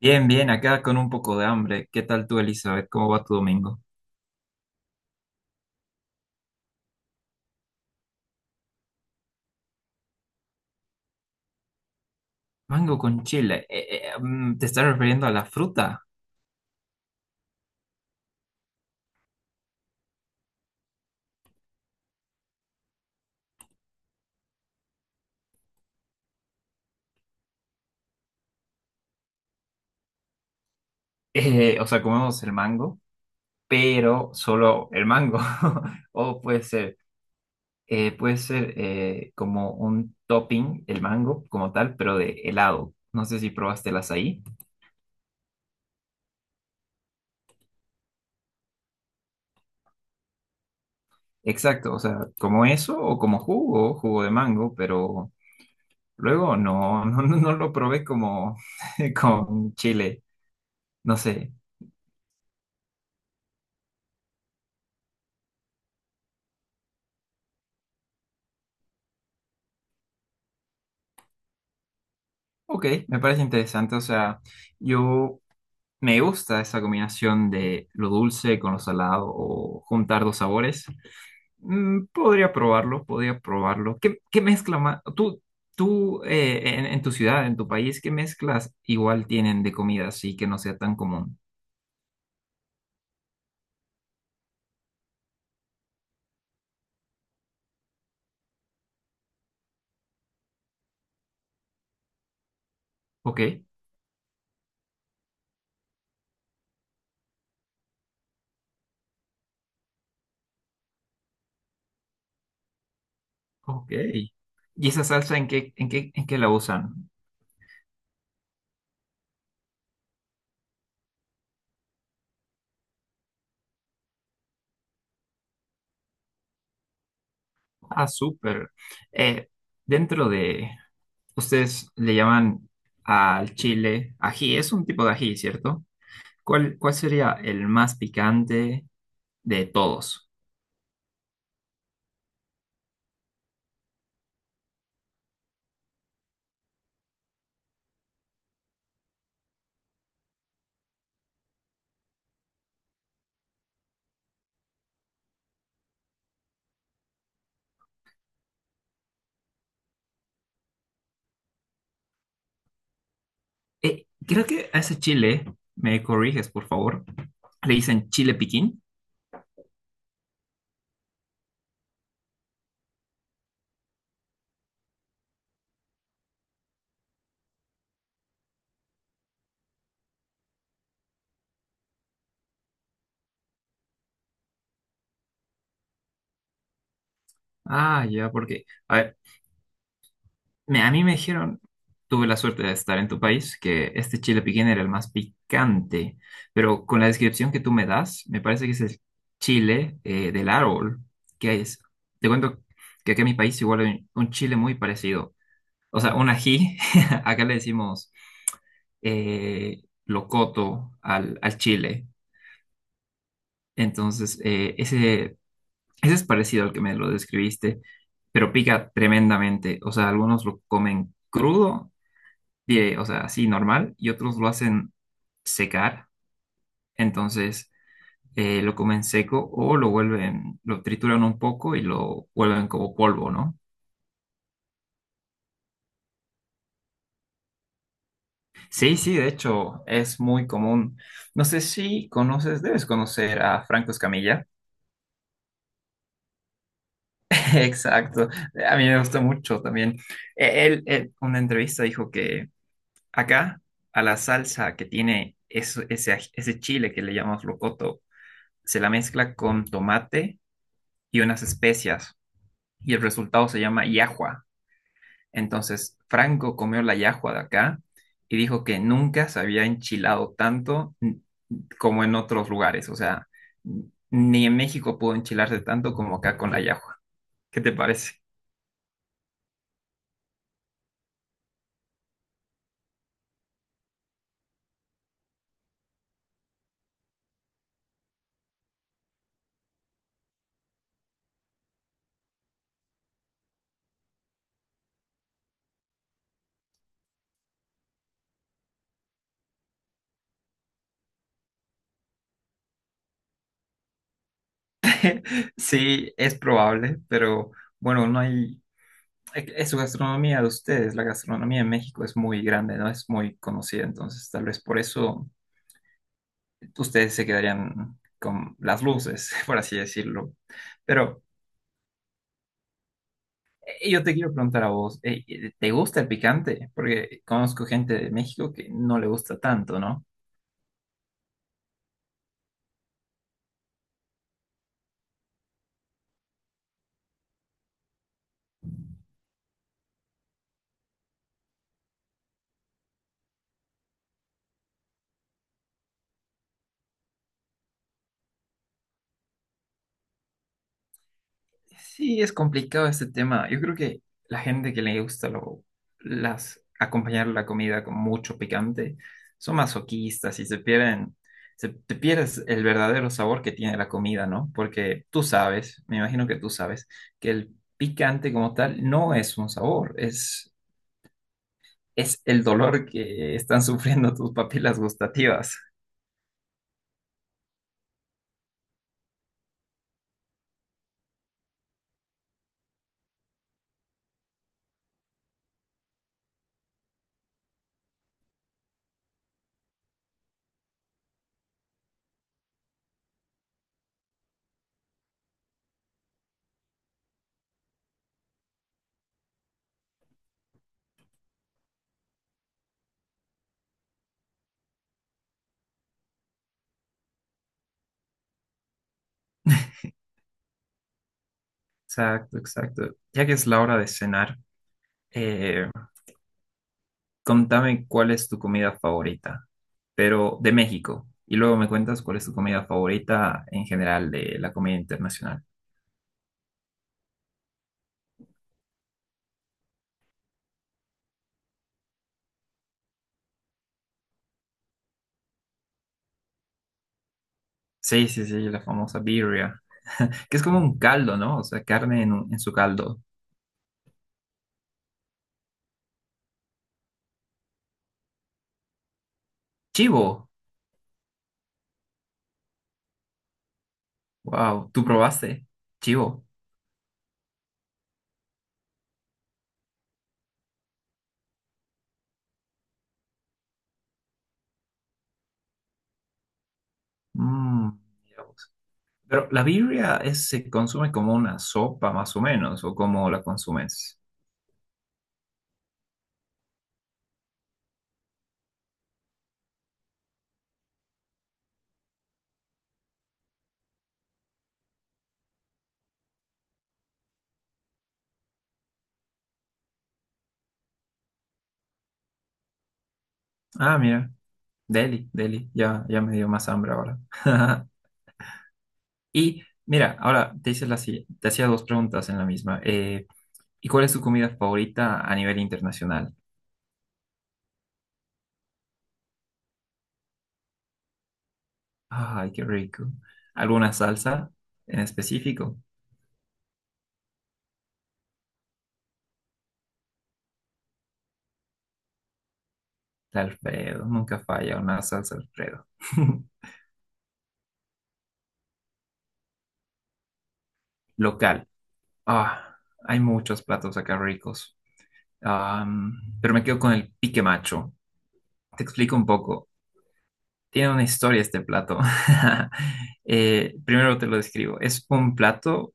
Bien, bien, acá con un poco de hambre. ¿Qué tal tú, Elizabeth? ¿Cómo va tu domingo? Mango con chile. ¿Te estás refiriendo a la fruta? O sea, comemos el mango, pero solo el mango. O puede ser como un topping, el mango como tal, pero de helado. No sé si probaste el azaí. Exacto, o sea, como eso o como jugo, jugo de mango, pero luego no, no, no lo probé como con chile. No sé. Ok, me parece interesante. O sea, yo me gusta esa combinación de lo dulce con lo salado o juntar dos sabores. Podría probarlo, podría probarlo. ¿Qué mezcla más? Tú en tu ciudad, en tu país, ¿qué mezclas igual tienen de comida así que no sea tan común? Ok, ok. ¿Y esa salsa en qué la usan? Ah, súper. Eh, dentro de, Ustedes le llaman al chile ají, es un tipo de ají, ¿cierto? ¿Cuál sería el más picante de todos? Creo que a ese chile, me corriges, por favor, le dicen chile piquín. Ah, ya, porque, a ver, a mí me dijeron, tuve la suerte de estar en tu país, que este chile piquín era el más picante, pero con la descripción que tú me das, me parece que es el chile del árbol. ¿Qué es? Te cuento que aquí en mi país igual hay un chile muy parecido. O sea, un ají, acá le decimos locoto al chile. Entonces, ese ese es parecido al que me lo describiste, pero pica tremendamente. O sea, algunos lo comen crudo o sea, así normal, y otros lo hacen secar. Entonces, lo comen seco o lo vuelven, lo trituran un poco y lo vuelven como polvo, ¿no? Sí, sí, de hecho, es muy común. No sé si conoces, debes conocer a Franco Escamilla. Exacto. A mí me gusta mucho también. Él, una entrevista dijo que acá, a la salsa que tiene ese chile que le llamamos locoto, se la mezcla con tomate y unas especias, y el resultado se llama yahua. Entonces, Franco comió la yahua de acá y dijo que nunca se había enchilado tanto como en otros lugares. O sea, ni en México pudo enchilarse tanto como acá con la yahua. ¿Qué te parece? Sí, es probable, pero bueno, no hay... Es su gastronomía de ustedes, la gastronomía en México es muy grande, no es muy conocida, entonces tal vez por eso ustedes se quedarían con las luces, por así decirlo. Pero yo te quiero preguntar a vos, ¿te gusta el picante? Porque conozco gente de México que no le gusta tanto, ¿no? Sí, es complicado este tema. Yo creo que la gente que le gusta acompañar la comida con mucho picante son masoquistas y se pierden, te pierdes el verdadero sabor que tiene la comida, ¿no? Porque tú sabes, me imagino que tú sabes, que el picante como tal no es un sabor, es el dolor que están sufriendo tus papilas gustativas. Exacto, exacto. Ya que es la hora de cenar, eh, contame cuál es tu comida favorita, pero de México. Y luego me cuentas cuál es tu comida favorita en general de la comida internacional. Sí, sí, sí, la famosa birria, que es como un caldo, ¿no? O sea, carne en su caldo. Chivo, wow, ¿tú probaste? Chivo. Mm, Mira vos. Pero la birria se consume como una sopa, más o menos, o como la consumes. Ah, mira. Deli, Deli, ya, ya me dio más hambre ahora. Y mira, ahora te hice la, si- te hacía dos preguntas en la misma. ¿Y cuál es tu comida favorita a nivel internacional? Ay, qué rico. ¿Alguna salsa en específico? La Alfredo, nunca falla una salsa Alfredo. Local. Ah, hay muchos platos acá ricos. Am, pero me quedo con el pique macho. Te explico un poco. Tiene una historia este plato. Primero te lo describo. Es un plato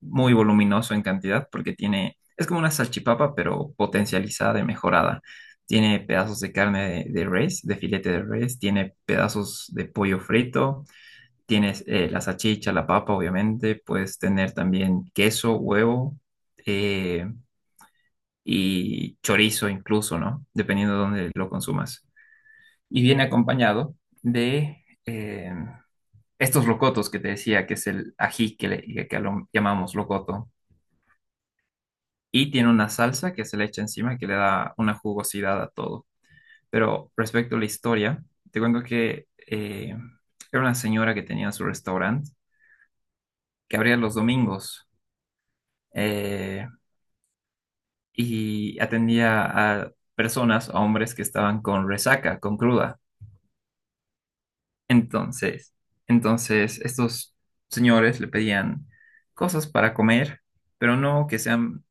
muy voluminoso en cantidad porque tiene, es como una salchipapa, pero potencializada y mejorada. Tiene pedazos de carne de res, de filete de res, tiene pedazos de pollo frito, tienes la salchicha, la papa, obviamente, puedes tener también queso, huevo eh, y chorizo incluso, ¿no? Dependiendo de dónde lo consumas. Y viene acompañado de... em, estos locotos que te decía, que es el ají que lo llamamos locoto, y tiene una salsa que se le echa encima que le da una jugosidad a todo. Pero respecto a la historia, te cuento que era una señora que tenía su restaurante, que abría los domingos eh, y atendía a personas, a hombres que estaban con resaca, con cruda. Entonces, entonces, estos señores le pedían cosas para comer pero no que sean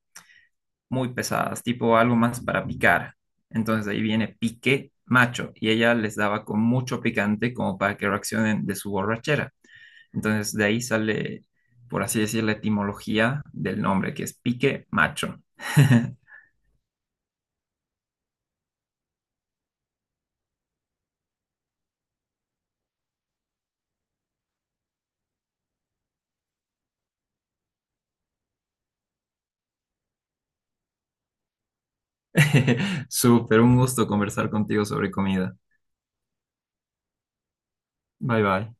muy pesadas, tipo algo más para picar. Entonces ahí viene pique macho y ella les daba con mucho picante como para que reaccionen de su borrachera. Entonces de ahí sale, por así decir, la etimología del nombre, que es pique macho. Súper, un gusto conversar contigo sobre comida. Bye bye.